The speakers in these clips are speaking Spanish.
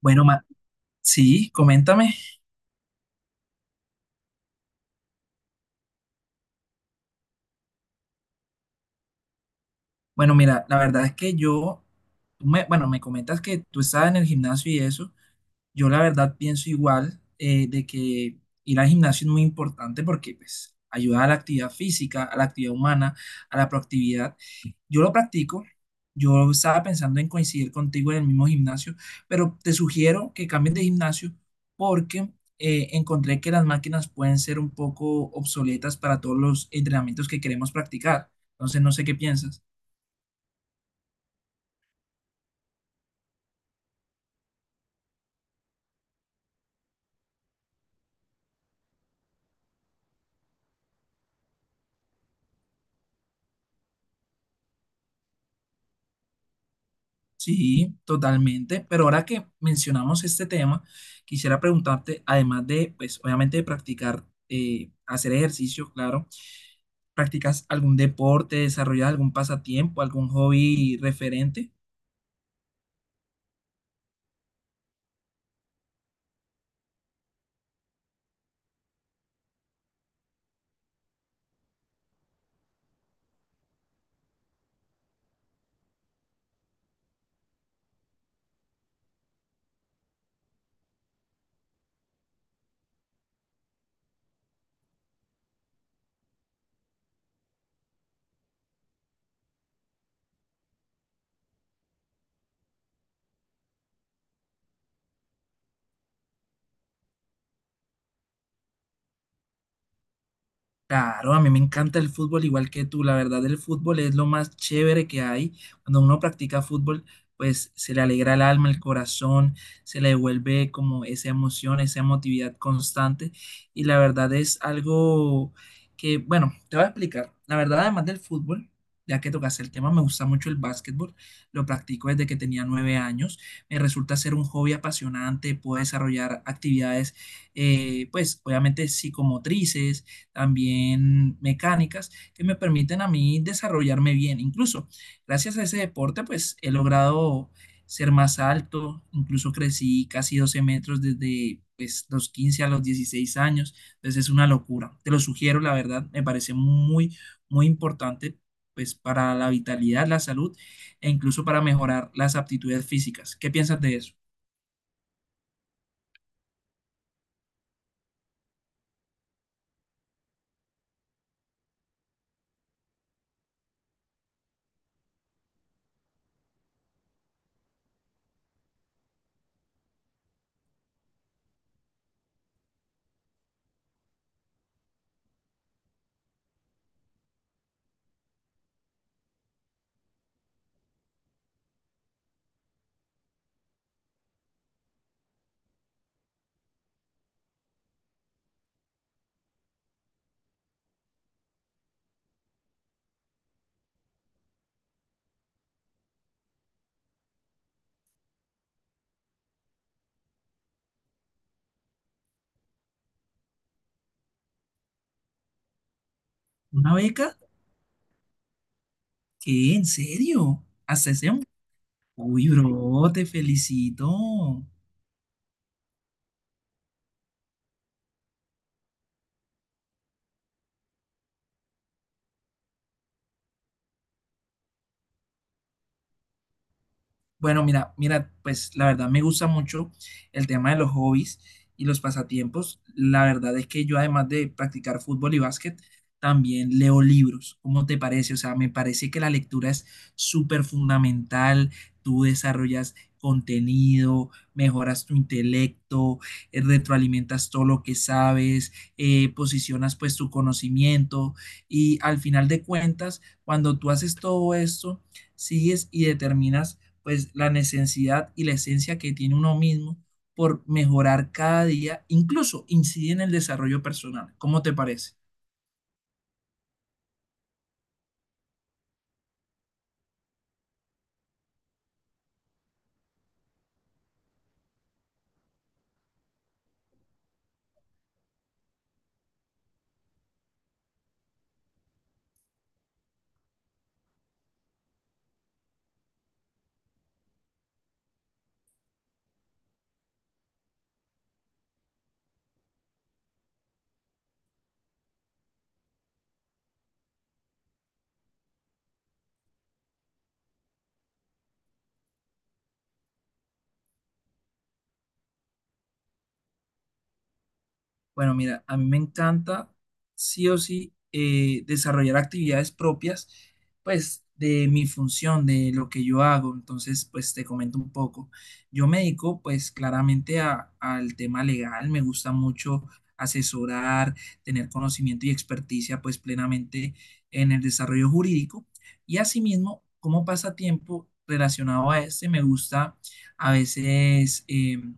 Bueno, ma- sí, coméntame. Bueno, mira, la verdad es que yo, bueno, me comentas que tú estabas en el gimnasio y eso. Yo la verdad pienso igual de que ir al gimnasio es muy importante porque pues ayuda a la actividad física, a la actividad humana, a la proactividad. Yo lo practico. Yo estaba pensando en coincidir contigo en el mismo gimnasio, pero te sugiero que cambies de gimnasio porque encontré que las máquinas pueden ser un poco obsoletas para todos los entrenamientos que queremos practicar. Entonces, no sé qué piensas. Sí, totalmente. Pero ahora que mencionamos este tema, quisiera preguntarte, además de, pues, obviamente de practicar, hacer ejercicio, claro, ¿practicas algún deporte, desarrollas algún pasatiempo, algún hobby referente? Claro, a mí me encanta el fútbol igual que tú. La verdad, el fútbol es lo más chévere que hay. Cuando uno practica fútbol, pues se le alegra el alma, el corazón, se le devuelve como esa emoción, esa emotividad constante. Y la verdad es algo que, bueno, te voy a explicar. La verdad, además del fútbol, ya que tocaste el tema, me gusta mucho el básquetbol. Lo practico desde que tenía 9 años. Me resulta ser un hobby apasionante. Puedo desarrollar actividades, pues obviamente psicomotrices también mecánicas que me permiten a mí desarrollarme bien. Incluso gracias a ese deporte, pues he logrado ser más alto, incluso crecí casi 12 metros desde pues, los 15 a los 16 años, entonces es una locura. Te lo sugiero, la verdad, me parece muy, muy importante pues para la vitalidad, la salud e incluso para mejorar las aptitudes físicas. ¿Qué piensas de eso? ¿Una beca? ¿Qué? ¿En serio? ¿Hasta ese... Uy, bro, te felicito. Bueno, mira, mira, pues la verdad me gusta mucho el tema de los hobbies y los pasatiempos. La verdad es que yo además de practicar fútbol y básquet, también leo libros. ¿Cómo te parece? O sea, me parece que la lectura es súper fundamental. Tú desarrollas contenido, mejoras tu intelecto, retroalimentas todo lo que sabes, posicionas pues tu conocimiento y al final de cuentas, cuando tú haces todo esto, sigues y determinas pues la necesidad y la esencia que tiene uno mismo por mejorar cada día, incluso incide en el desarrollo personal. ¿Cómo te parece? Bueno, mira, a mí me encanta sí o sí desarrollar actividades propias, pues de mi función, de lo que yo hago. Entonces, pues te comento un poco. Yo me dedico pues claramente al tema legal, me gusta mucho asesorar, tener conocimiento y experticia pues plenamente en el desarrollo jurídico. Y asimismo, como pasatiempo relacionado a este, me gusta a veces...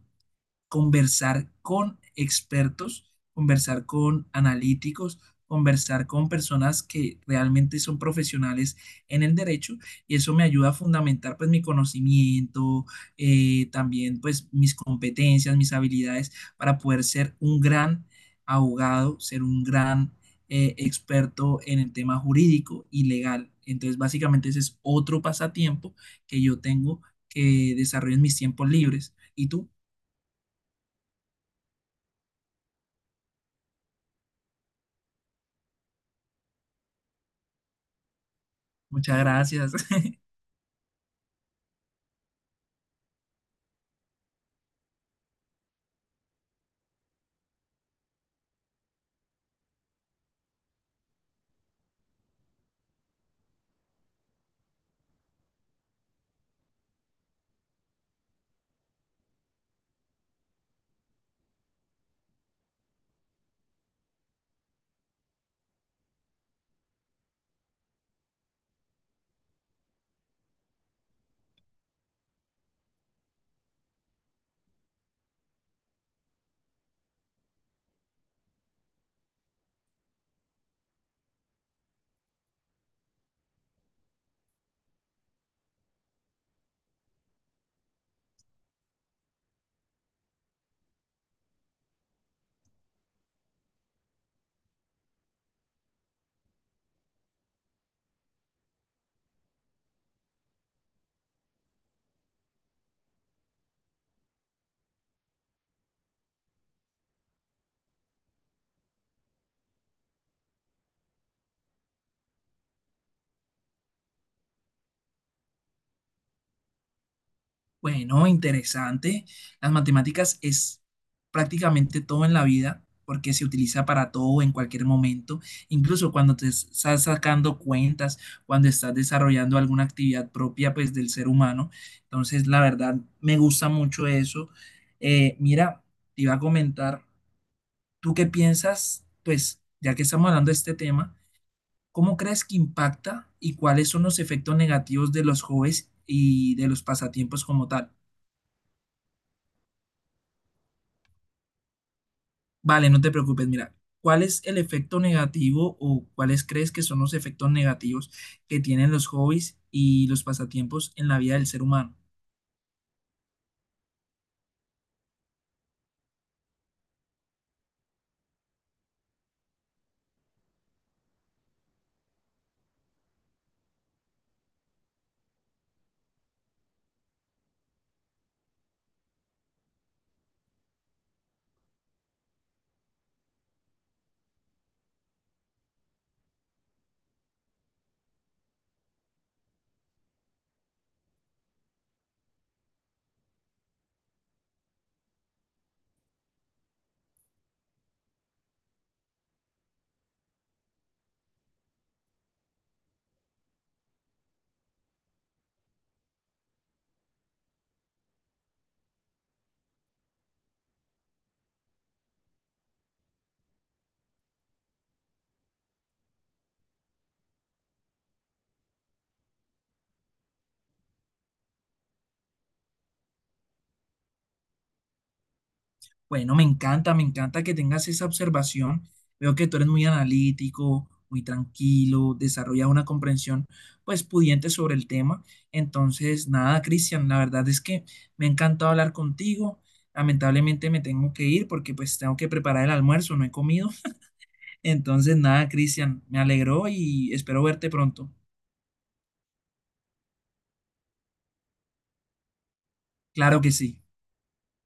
conversar con expertos, conversar con analíticos, conversar con personas que realmente son profesionales en el derecho y eso me ayuda a fundamentar pues mi conocimiento, también pues mis competencias, mis habilidades para poder ser un gran abogado, ser un gran experto en el tema jurídico y legal. Entonces básicamente ese es otro pasatiempo que yo tengo que desarrollo en mis tiempos libres. ¿Y tú? Muchas gracias. Bueno, interesante. Las matemáticas es prácticamente todo en la vida porque se utiliza para todo en cualquier momento, incluso cuando te estás sacando cuentas, cuando estás desarrollando alguna actividad propia pues del ser humano. Entonces, la verdad, me gusta mucho eso. Mira, te iba a comentar, ¿tú qué piensas? Pues ya que estamos hablando de este tema. ¿Cómo crees que impacta y cuáles son los efectos negativos de los hobbies y de los pasatiempos como tal? Vale, no te preocupes, mira, ¿cuál es el efecto negativo o cuáles crees que son los efectos negativos que tienen los hobbies y los pasatiempos en la vida del ser humano? Bueno, me encanta que tengas esa observación. Veo que tú eres muy analítico, muy tranquilo, desarrollas una comprensión pues pudiente sobre el tema. Entonces, nada, Cristian, la verdad es que me ha encantado hablar contigo. Lamentablemente me tengo que ir porque pues tengo que preparar el almuerzo, no he comido. Entonces, nada, Cristian, me alegró y espero verte pronto. Claro que sí.